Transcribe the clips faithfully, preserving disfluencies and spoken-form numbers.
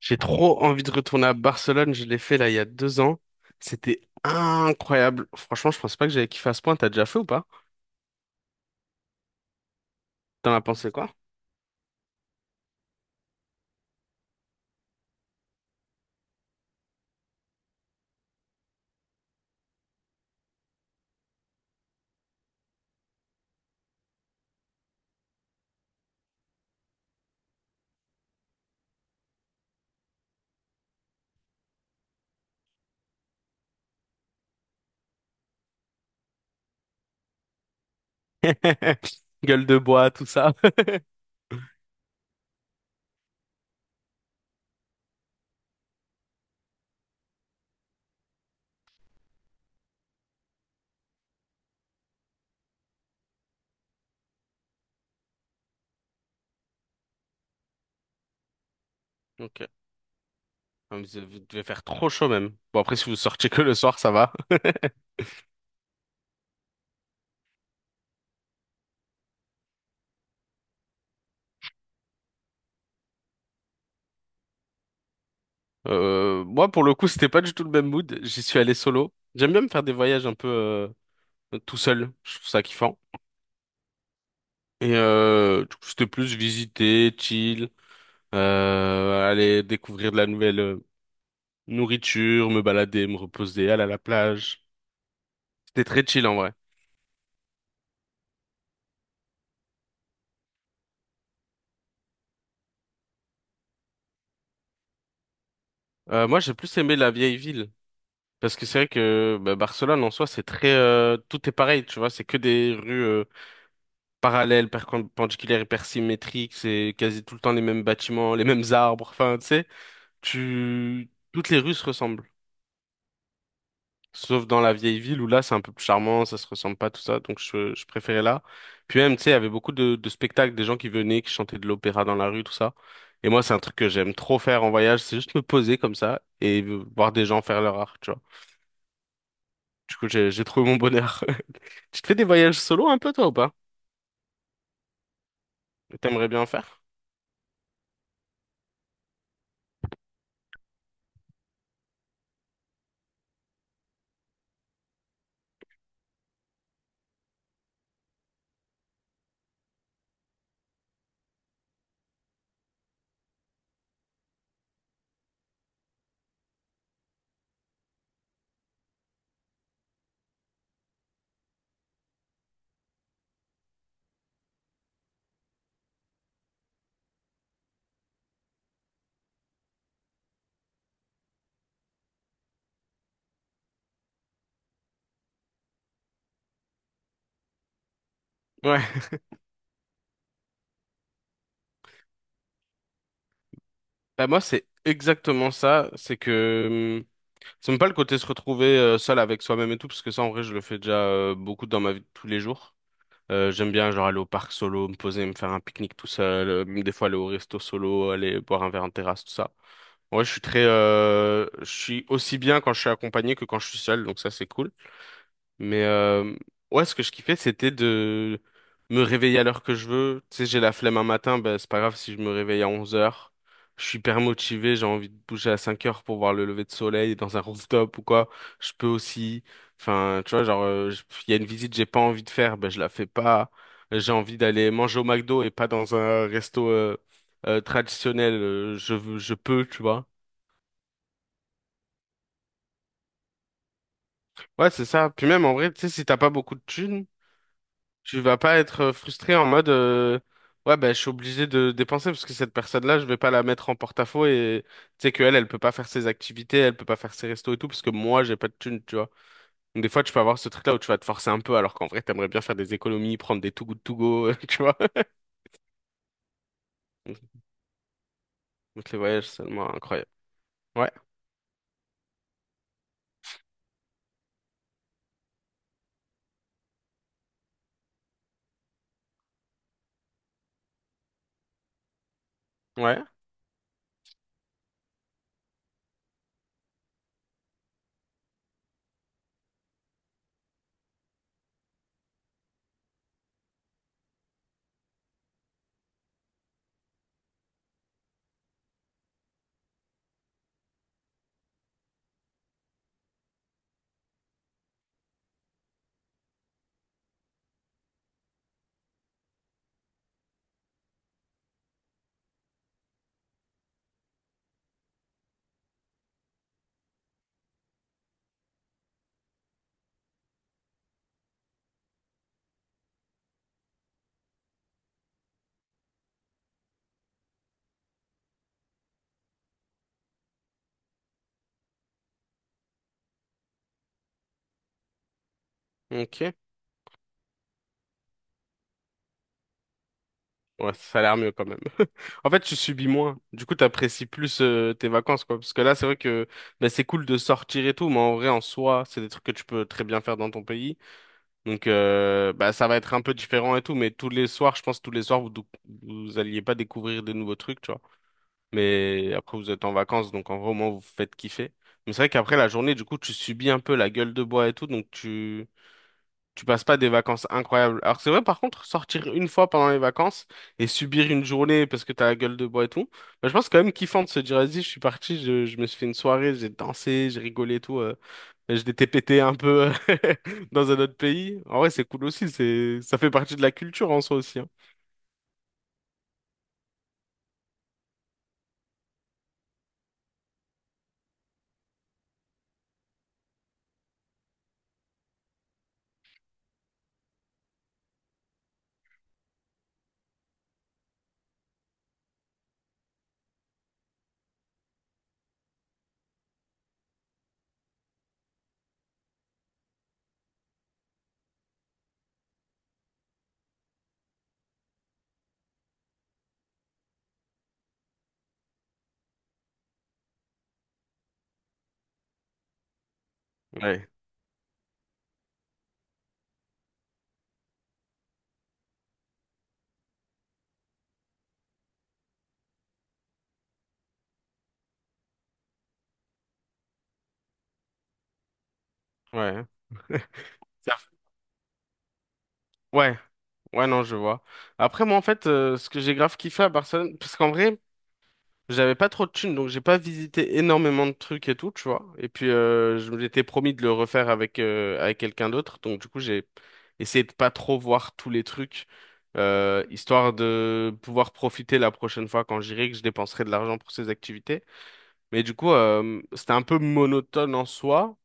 J'ai trop envie de retourner à Barcelone. Je l'ai fait là il y a deux ans. C'était incroyable. Franchement, je pensais pas que j'allais kiffer à ce point. T'as déjà fait ou pas? T'en as pensé quoi? Gueule de bois, tout ça. Ok. Ah, mais Vous vous devez faire trop chaud même. Bon, après, si vous sortiez que le soir, ça va. Euh, moi, pour le coup, c'était pas du tout le même mood. J'y suis allé solo. J'aime bien me faire des voyages un peu euh, tout seul. Je trouve ça kiffant. Et euh, du coup, c'était plus visiter, chill, euh, aller découvrir de la nouvelle euh, nourriture, me balader, me reposer, aller à la plage. C'était très chill en vrai. Euh, moi, j'ai plus aimé la vieille ville. Parce que c'est vrai que bah, Barcelone en soi, c'est très euh, tout est pareil, tu vois. C'est que des rues euh, parallèles, perpendiculaires, hyper symétriques. C'est quasi tout le temps les mêmes bâtiments, les mêmes arbres. Enfin, tu sais, tu... toutes les rues se ressemblent. Sauf dans la vieille ville où là c'est un peu plus charmant, ça se ressemble pas tout ça, donc je, je préférais là. Puis même, tu sais, il y avait beaucoup de, de spectacles, des gens qui venaient, qui chantaient de l'opéra dans la rue, tout ça. Et moi, c'est un truc que j'aime trop faire en voyage, c'est juste me poser comme ça et voir des gens faire leur art, tu vois. Du coup, j'ai, j'ai trouvé mon bonheur. Tu te fais des voyages solo un peu, toi, ou pas? T'aimerais bien en faire? Ouais. Bah, moi, c'est exactement ça. C'est que hum, c'est même pas le côté se retrouver euh, seul avec soi-même et tout, parce que ça, en vrai, je le fais déjà euh, beaucoup dans ma vie de tous les jours. Euh, j'aime bien genre aller au parc solo, me poser, me faire un pique-nique tout seul, euh, même des fois aller au resto solo, aller boire un verre en terrasse, tout ça. Ouais, je suis très, euh, je suis aussi bien quand je suis accompagné que quand je suis seul, donc ça c'est cool. Mais euh, ouais, ce que je kiffais, c'était de me réveiller à l'heure que je veux. Tu sais, j'ai la flemme un matin, ben, c'est pas grave si je me réveille à onze heures. Je suis hyper motivé, j'ai envie de bouger à cinq heures pour voir le lever de soleil dans un rooftop ou quoi. Je peux aussi. Enfin, tu vois, genre, euh, je- il y a une visite que j'ai pas envie de faire, ben, je la fais pas. J'ai envie d'aller manger au McDo et pas dans un resto euh, euh, traditionnel. euh, je, veux- je peux, tu vois. Ouais, c'est ça. Puis même, en vrai, tu sais, si t'as pas beaucoup de thunes. Tu vas pas être euh, frustré en mode euh, ouais, ben je suis obligé de dépenser parce que cette personne-là je vais pas la mettre en porte-à-faux et tu sais qu'elle elle peut pas faire ses activités, elle peut pas faire ses restos et tout parce que moi j'ai pas de thune, tu vois. Donc des fois tu peux avoir ce truc-là où tu vas te forcer un peu alors qu'en vrai t'aimerais bien faire des économies, prendre des too good to go, tu vois. Donc les voyages c'est seulement incroyable. Ouais, ouais. Ok. Ouais, ça a l'air mieux quand même. En fait, tu subis moins. Du coup, t'apprécies plus euh, tes vacances, quoi. Parce que là, c'est vrai que bah, c'est cool de sortir et tout, mais en vrai, en soi, c'est des trucs que tu peux très bien faire dans ton pays. Donc, euh, bah, ça va être un peu différent et tout, mais tous les soirs, je pense, tous les soirs, vous, dou- vous alliez pas découvrir de nouveaux trucs, tu vois. Mais après, vous êtes en vacances, donc en vrai, au moins, vous vous faites kiffer. Mais c'est vrai qu'après la journée, du coup, tu subis un peu la gueule de bois et tout, donc tu tu passes pas des vacances incroyables. Alors que c'est vrai, par contre, sortir une fois pendant les vacances et subir une journée parce que t'as la gueule de bois et tout, bah, je pense quand même kiffant de se dire, vas-y, je suis parti, je, je me suis fait une soirée, j'ai dansé, j'ai rigolé et tout, euh, je t'ai pété un peu dans un autre pays. En vrai, c'est cool aussi, c'est, ça fait partie de la culture en soi aussi. Hein. Ouais, ouais. Ça- Ouais, ouais, non, je vois. Après, moi, en fait, euh, ce que j'ai grave kiffé à Barcelone, parce qu'en vrai, j'avais pas trop de thunes, donc j'ai pas visité énormément de trucs et tout, tu vois. Et puis euh, je m'étais promis de le refaire avec euh, avec quelqu'un d'autre, donc du coup j'ai essayé de pas trop voir tous les trucs, euh, histoire de pouvoir profiter la prochaine fois quand j'irai que je dépenserai de l'argent pour ces activités. Mais du coup euh, c'était un peu monotone en soi.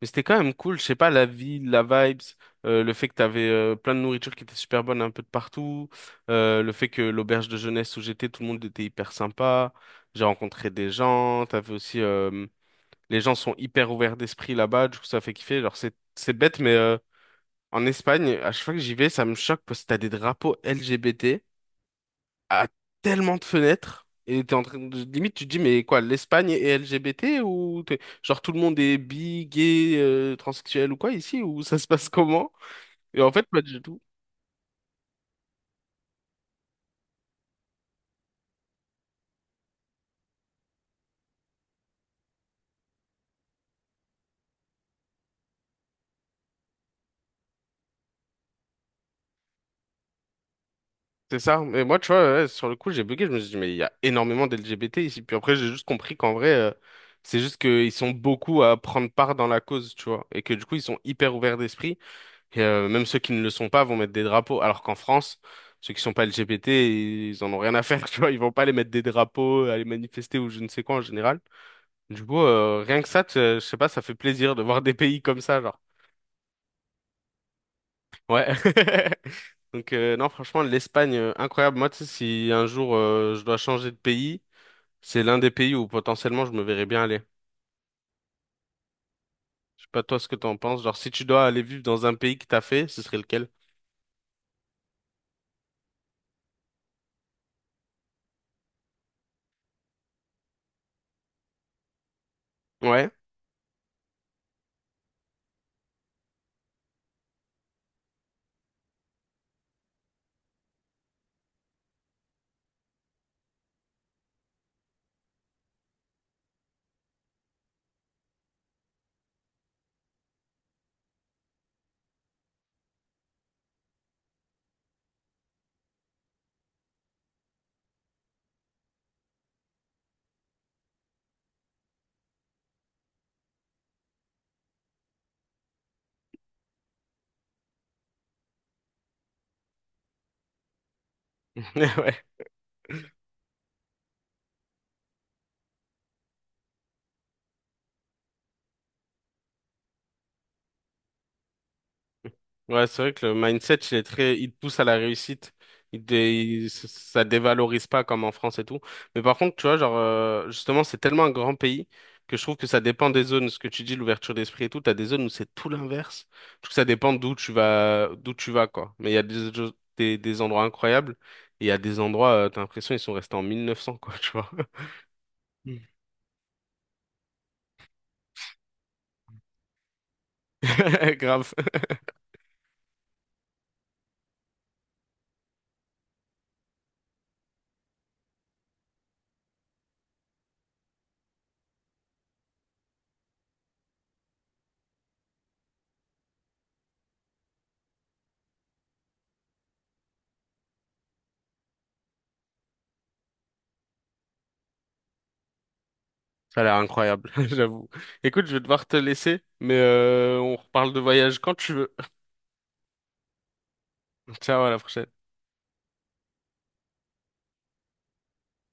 Mais c'était quand même cool, je sais pas, la ville, la vibes, euh, le fait que t'avais euh, plein de nourriture qui était super bonne un peu de partout, euh, le fait que l'auberge de jeunesse où j'étais, tout le monde était hyper sympa, j'ai rencontré des gens, t'avais aussi... euh, les gens sont hyper ouverts d'esprit là-bas, du coup ça fait kiffer. Alors c'est c'est bête, mais euh, en Espagne, à chaque fois que j'y vais, ça me choque parce que t'as des drapeaux L G B T à tellement de fenêtres. Et t'es en train de... Limite, tu te dis, mais quoi, l'Espagne est L G B T ou t'es- genre, tout le monde est bi, gay, euh, transsexuel ou quoi ici? Ou ça se passe comment? Et en fait, pas du tout. C'est ça. Mais moi, tu vois, ouais, sur le coup, j'ai bugué. Je me suis dit, mais il y a énormément d'L G B T ici. Puis après, j'ai juste compris qu'en vrai, euh, c'est juste qu'ils sont beaucoup à prendre part dans la cause, tu vois. Et que du coup, ils sont hyper ouverts d'esprit. Et, euh, même ceux qui ne le sont pas vont mettre des drapeaux. Alors qu'en France, ceux qui sont pas L G B T, ils en ont rien à faire, tu vois. Ils vont pas aller mettre des drapeaux, aller manifester ou je ne sais quoi en général. Du coup, euh, rien que ça, tu- euh, je sais pas, ça fait plaisir de voir des pays comme ça, genre. Ouais. Donc euh, non, franchement, l'Espagne, euh, incroyable. Moi, tu sais, si un jour euh, je dois changer de pays, c'est l'un des pays où potentiellement je me verrais bien aller. Je sais pas toi ce que t'en penses. Genre, si tu dois aller vivre dans un pays qui t'a fait, ce serait lequel? Ouais. Ouais. Ouais, c'est vrai que le mindset, il est très, il te pousse à la réussite. Il, dé- il- ça ça dévalorise pas comme en France et tout. Mais par contre, tu vois, genre, euh, justement, c'est tellement un grand pays que je trouve que ça dépend des zones. Ce que tu dis, l'ouverture d'esprit et tout, t'as des zones où c'est tout l'inverse. Je trouve que ça dépend d'où tu vas, d'où tu vas, quoi. Mais il y a des, jo- des, des endroits incroyables et il y a des endroits, euh, t'as l'impression, ils sont restés en mille neuf cents, quoi, tu vois. Mm. Grave. Ça a l'air incroyable, j'avoue. Écoute, je vais devoir te laisser, mais euh, on reparle de voyage quand tu veux. Ciao, à la prochaine.